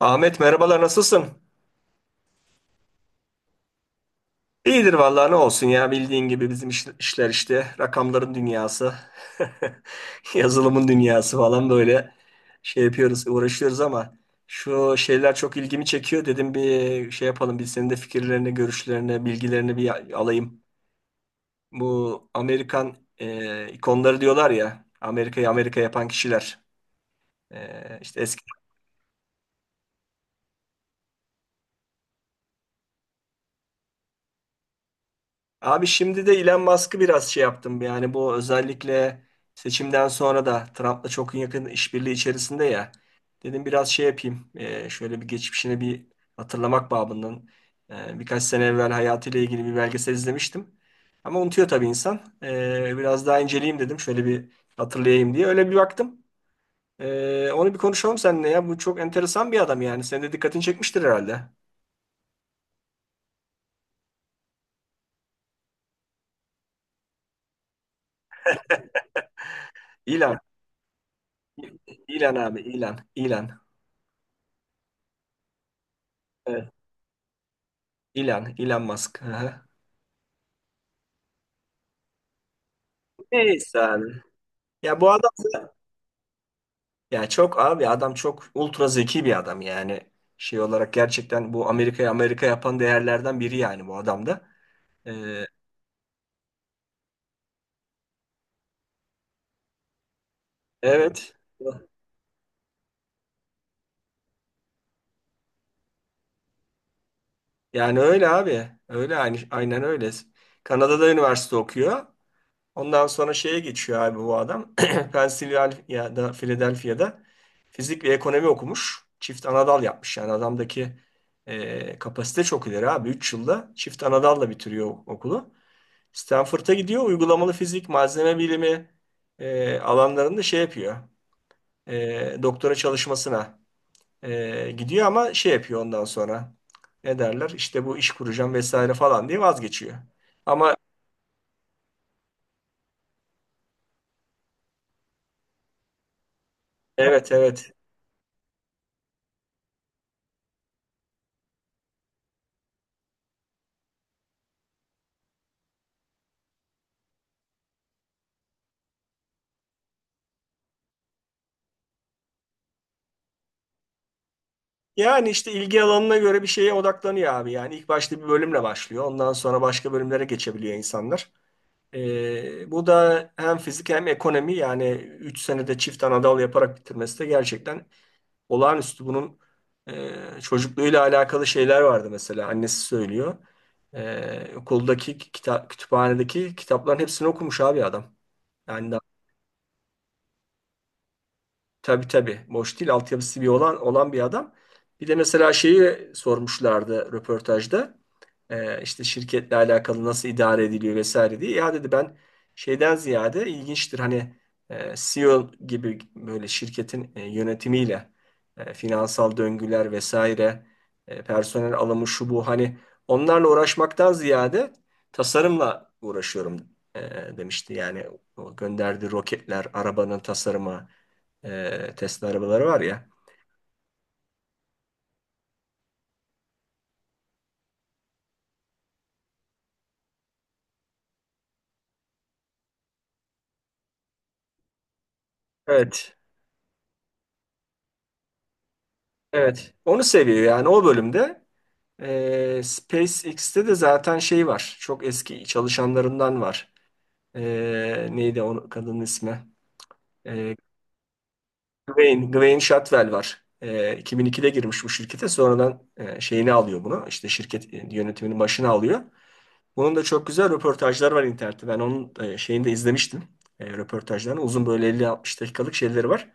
Ahmet, merhabalar, nasılsın? İyidir vallahi, ne olsun ya, bildiğin gibi bizim işler işte rakamların dünyası, yazılımın dünyası falan, böyle şey yapıyoruz, uğraşıyoruz ama şu şeyler çok ilgimi çekiyor. Dedim bir şey yapalım, bir senin de fikirlerini, görüşlerini, bilgilerini bir alayım. Bu Amerikan ikonları diyorlar ya, Amerika'yı Amerika yapan kişiler. İşte Abi, şimdi de Elon Musk'ı biraz şey yaptım. Yani bu özellikle seçimden sonra da Trump'la çok yakın işbirliği içerisinde ya. Dedim biraz şey yapayım. Şöyle bir geçmişine bir hatırlamak babından. Birkaç sene evvel hayatıyla ilgili bir belgesel izlemiştim. Ama unutuyor tabii insan. Biraz daha inceleyeyim dedim. Şöyle bir hatırlayayım diye. Öyle bir baktım. Onu bir konuşalım seninle ya. Bu çok enteresan bir adam yani. Senin de dikkatini çekmiştir herhalde. Elon. Elon abi. Elon. Elon. Evet. Elon, Elon Musk. Hı hı. Neyse. Ya bu adam, ya çok abi, adam çok ultra zeki bir adam yani. Şey olarak gerçekten bu Amerika'yı Amerika yapan değerlerden biri yani, bu adam da. Ee, evet. Yani öyle abi. Öyle aynı, aynen öyle. Kanada'da üniversite okuyor. Ondan sonra şeye geçiyor abi bu adam. Pennsylvania'da, Philadelphia'da fizik ve ekonomi okumuş. Çift anadal yapmış. Yani adamdaki kapasite çok ileri abi. 3 yılda çift anadalla bitiriyor okulu. Stanford'a gidiyor. Uygulamalı fizik, malzeme bilimi alanlarında şey yapıyor. Doktora çalışmasına gidiyor ama şey yapıyor ondan sonra. Ne derler? İşte bu iş kuracağım vesaire falan diye vazgeçiyor. Ama evet, evet. Yani işte ilgi alanına göre bir şeye odaklanıyor abi. Yani ilk başta bir bölümle başlıyor. Ondan sonra başka bölümlere geçebiliyor insanlar. Bu da hem fizik hem ekonomi yani 3 senede çift anadal yaparak bitirmesi de gerçekten olağanüstü. Bunun e, çocukluğuyla alakalı şeyler vardı mesela. Annesi söylüyor. Okuldaki kütüphanedeki kitapların hepsini okumuş abi adam. Yani. Tabii, tabii. Boş değil. Altyapısı bir olan bir adam. Bir de mesela şeyi sormuşlardı röportajda. İşte şirketle alakalı nasıl idare ediliyor vesaire diye. Ya dedi ben şeyden ziyade ilginçtir hani CEO gibi böyle şirketin yönetimiyle finansal döngüler vesaire personel alımı şu bu hani onlarla uğraşmaktan ziyade tasarımla uğraşıyorum e, demişti. Yani o gönderdiği roketler, arabanın tasarımı, Tesla arabaları var ya. Evet, evet. Onu seviyor yani, o bölümde. SpaceX'te de zaten şey var. Çok eski çalışanlarından var. E, Neydi o kadının ismi? E, Gwen Shotwell var. 2002'de girmiş bu şirkete. Sonradan şeyini alıyor bunu. İşte şirket yönetiminin başına alıyor. Bunun da çok güzel röportajları var internette. Ben onun şeyini de izlemiştim. Röportajlarını. Uzun, böyle 50-60 dakikalık şeyleri var.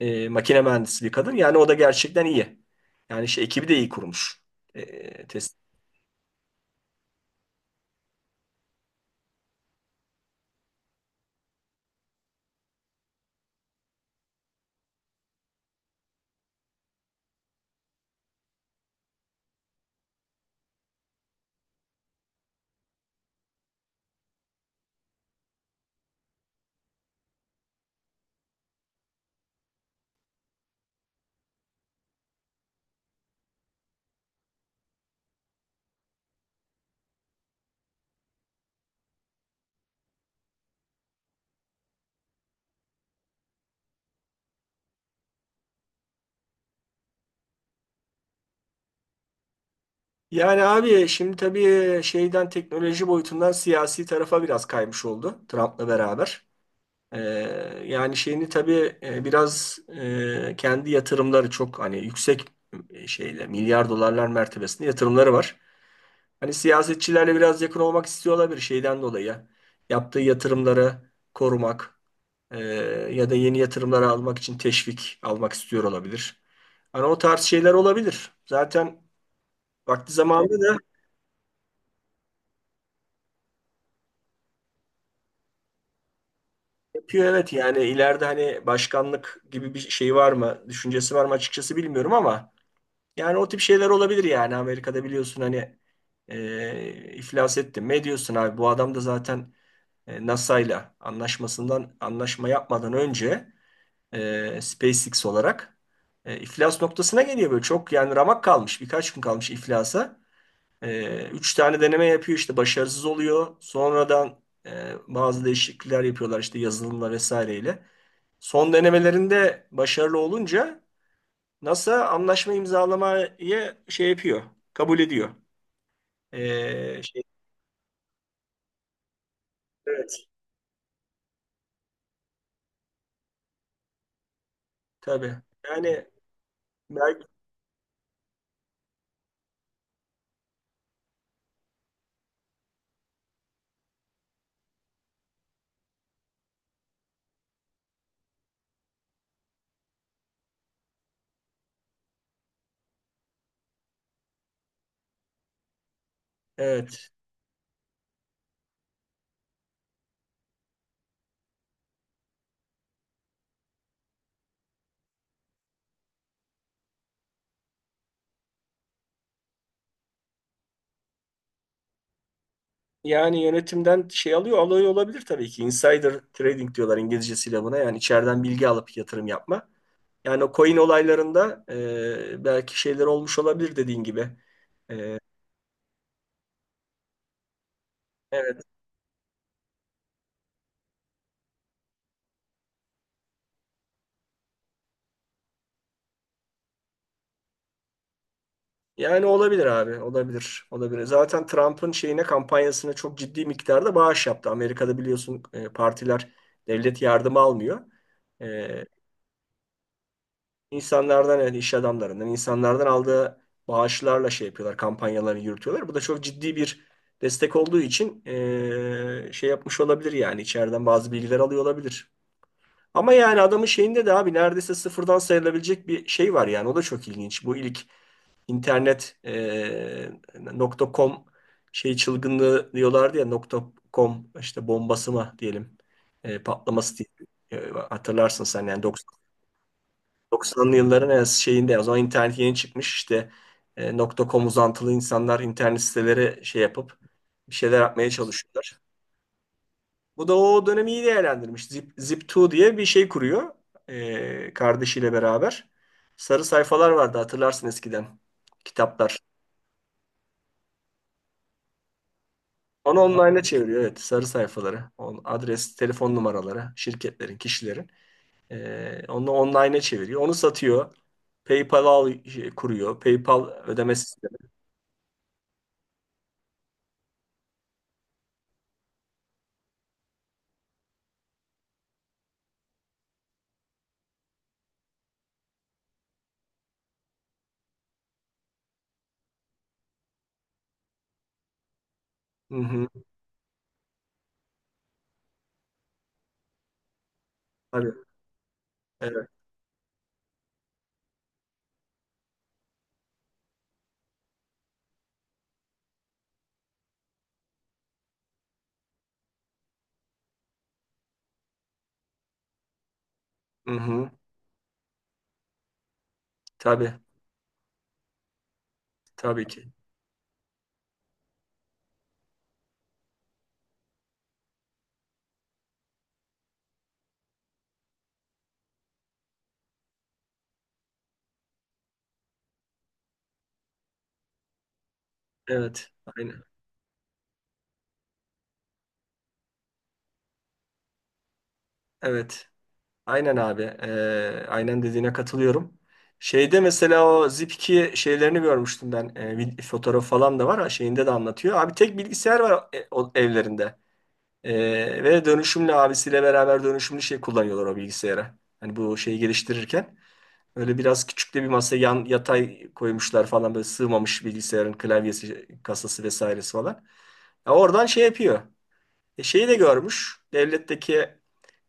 Makine mühendisi bir kadın. Yani o da gerçekten iyi. Yani şey, ekibi de iyi kurmuş. Test. Yani abi, şimdi tabii şeyden, teknoloji boyutundan siyasi tarafa biraz kaymış oldu Trump'la beraber. E, Yani şeyini tabii biraz kendi yatırımları çok hani yüksek, şeyle milyar dolarlar mertebesinde yatırımları var. Hani siyasetçilerle biraz yakın olmak istiyor olabilir şeyden dolayı. Yaptığı yatırımları korumak e, ya da yeni yatırımları almak için teşvik almak istiyor olabilir. Hani o tarz şeyler olabilir. Zaten vakti zamanında da yapıyor, evet. Yani ileride hani başkanlık gibi bir şey var mı, düşüncesi var mı açıkçası bilmiyorum, ama yani o tip şeyler olabilir. Yani Amerika'da biliyorsun hani iflas ettin. Ne diyorsun abi? Bu adam da zaten NASA ile anlaşma yapmadan önce SpaceX olarak iflas noktasına geliyor, böyle çok yani ramak kalmış, birkaç gün kalmış iflasa. Üç tane deneme yapıyor, işte başarısız oluyor. Sonradan bazı değişiklikler yapıyorlar, işte yazılımla vesaireyle. Son denemelerinde başarılı olunca NASA anlaşma imzalamayı şey yapıyor, kabul ediyor. Şey, evet, tabii. Yani belki, evet. Yani yönetimden şey alıyor olabilir tabii ki. Insider trading diyorlar İngilizcesiyle buna. Yani içeriden bilgi alıp yatırım yapma. Yani o coin olaylarında belki şeyler olmuş olabilir, dediğin gibi. E, evet. Yani olabilir abi, olabilir, olabilir. Zaten Trump'ın şeyine, kampanyasına çok ciddi miktarda bağış yaptı. Amerika'da biliyorsun partiler devlet yardımı almıyor. E, insanlardan, yani iş adamlarından, insanlardan aldığı bağışlarla şey yapıyorlar, kampanyalarını yürütüyorlar. Bu da çok ciddi bir destek olduğu için şey yapmış olabilir, yani içeriden bazı bilgiler alıyor olabilir. Ama yani adamın şeyinde de abi neredeyse sıfırdan sayılabilecek bir şey var, yani o da çok ilginç. Bu ilk internet nokta .com şey çılgınlığı diyorlardı ya, nokta .com işte bombası mı diyelim, patlaması diye. Hatırlarsın sen yani 90'lı yılların en şeyinde, o zaman internet yeni çıkmış, işte nokta .com uzantılı insanlar internet siteleri şey yapıp bir şeyler yapmaya çalışıyorlar. Bu da o dönemi iyi değerlendirmiş. Zip2 diye bir şey kuruyor kardeşiyle beraber. Sarı sayfalar vardı, hatırlarsın eskiden, kitaplar. Onu online'a çeviriyor, evet, sarı sayfaları, adres, telefon numaraları, şirketlerin, kişilerin. Onu online'a çeviriyor. Onu satıyor. PayPal al, şey, kuruyor. PayPal ödeme sistemi. Hı hı. Tabii. Evet. Hı hı. Tabii. Tabii ki. Evet. Aynen. Evet. Aynen abi. Aynen dediğine katılıyorum. Şeyde mesela o Zip2 şeylerini görmüştüm ben. Fotoğraf falan da var. Ha, şeyinde de anlatıyor. Abi tek bilgisayar var o evlerinde. Ve dönüşümlü, abisiyle beraber dönüşümlü şey kullanıyorlar o bilgisayara. Hani bu şeyi geliştirirken. Öyle biraz küçük de bir masa yan yatay koymuşlar falan, böyle sığmamış bilgisayarın klavyesi, kasası vesairesi falan. Ya, oradan şey yapıyor. Şeyi de görmüş. Devletteki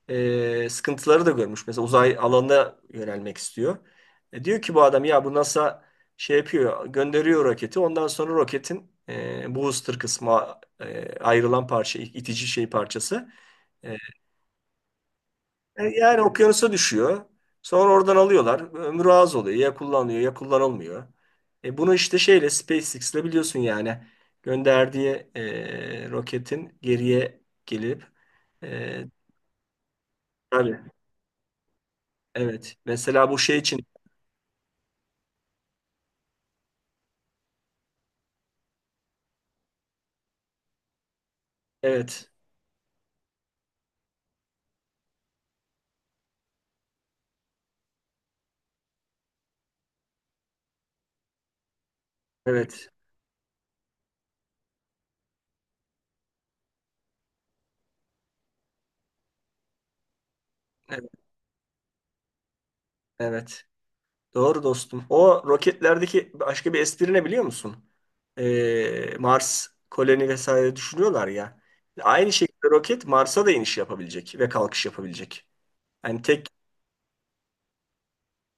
sıkıntıları da görmüş. Mesela uzay alanına yönelmek istiyor. Diyor ki bu adam, ya bu NASA şey yapıyor, gönderiyor roketi. Ondan sonra roketin booster kısmı, ayrılan parça, itici şey parçası. E, Yani okyanusa düşüyor. Sonra oradan alıyorlar. Ömrü az oluyor. Ya kullanılıyor, ya kullanılmıyor. Bunu işte şeyle, SpaceX'le, biliyorsun yani gönderdiği roketin geriye gelip e, tabii, evet. Mesela bu şey için. Evet, evet, evet, evet. Doğru dostum. O roketlerdeki başka bir espri ne, biliyor musun? Mars koloni vesaire düşünüyorlar ya. Aynı şekilde roket Mars'a da iniş yapabilecek ve kalkış yapabilecek. Yani tek,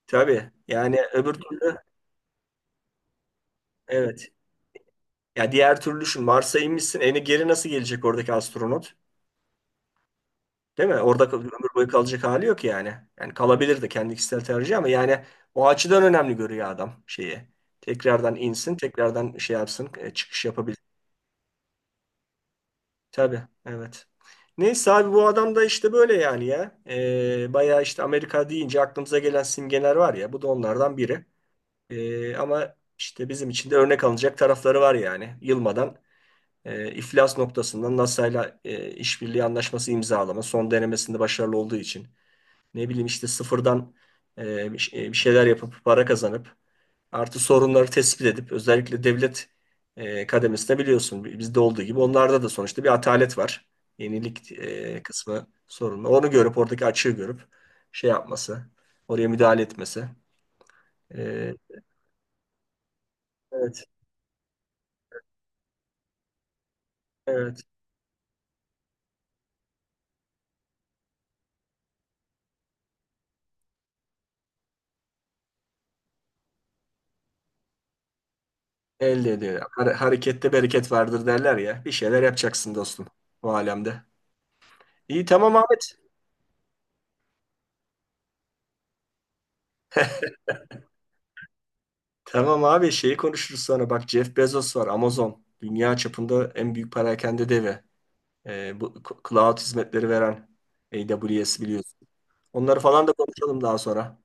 tabii yani öbür türlü, evet. Ya, diğer türlü düşün, Mars'a inmişsin, eni geri nasıl gelecek oradaki astronot? Değil mi? Orada ömür boyu kalacak hali yok yani. Yani kalabilirdi, kendi kişisel tercih, ama yani o açıdan önemli görüyor adam şeyi. Tekrardan insin, tekrardan şey yapsın, çıkış yapabilir. Tabii, evet. Neyse abi, bu adam da işte böyle yani ya. Bayağı işte, Amerika deyince aklımıza gelen simgeler var ya. Bu da onlardan biri. Ama işte bizim için de örnek alınacak tarafları var yani. Yılmadan iflas noktasında NASA'yla işbirliği anlaşması imzalama son denemesinde başarılı olduğu için. Ne bileyim, işte sıfırdan bir şeyler yapıp para kazanıp, artı sorunları tespit edip, özellikle devlet kademesinde biliyorsun bizde olduğu gibi onlarda da sonuçta bir atalet var. Yenilik kısmı sorunlu. Onu görüp, oradaki açığı görüp şey yapması, oraya müdahale etmesi. E, evet, evet. Elde ediyor. Harekette bereket vardır derler ya. Bir şeyler yapacaksın dostum, bu alemde. İyi, tamam Ahmet. Tamam abi, şeyi konuşuruz sonra. Bak, Jeff Bezos var, Amazon. Dünya çapında en büyük perakende devi. Bu cloud hizmetleri veren AWS, biliyorsun. Onları falan da konuşalım daha sonra.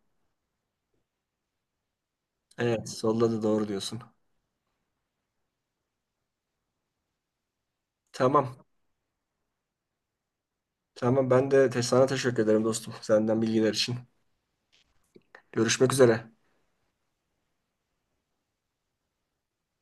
Evet, solda da doğru diyorsun. Tamam. Tamam, ben de sana teşekkür ederim dostum. Senden bilgiler için. Görüşmek üzere.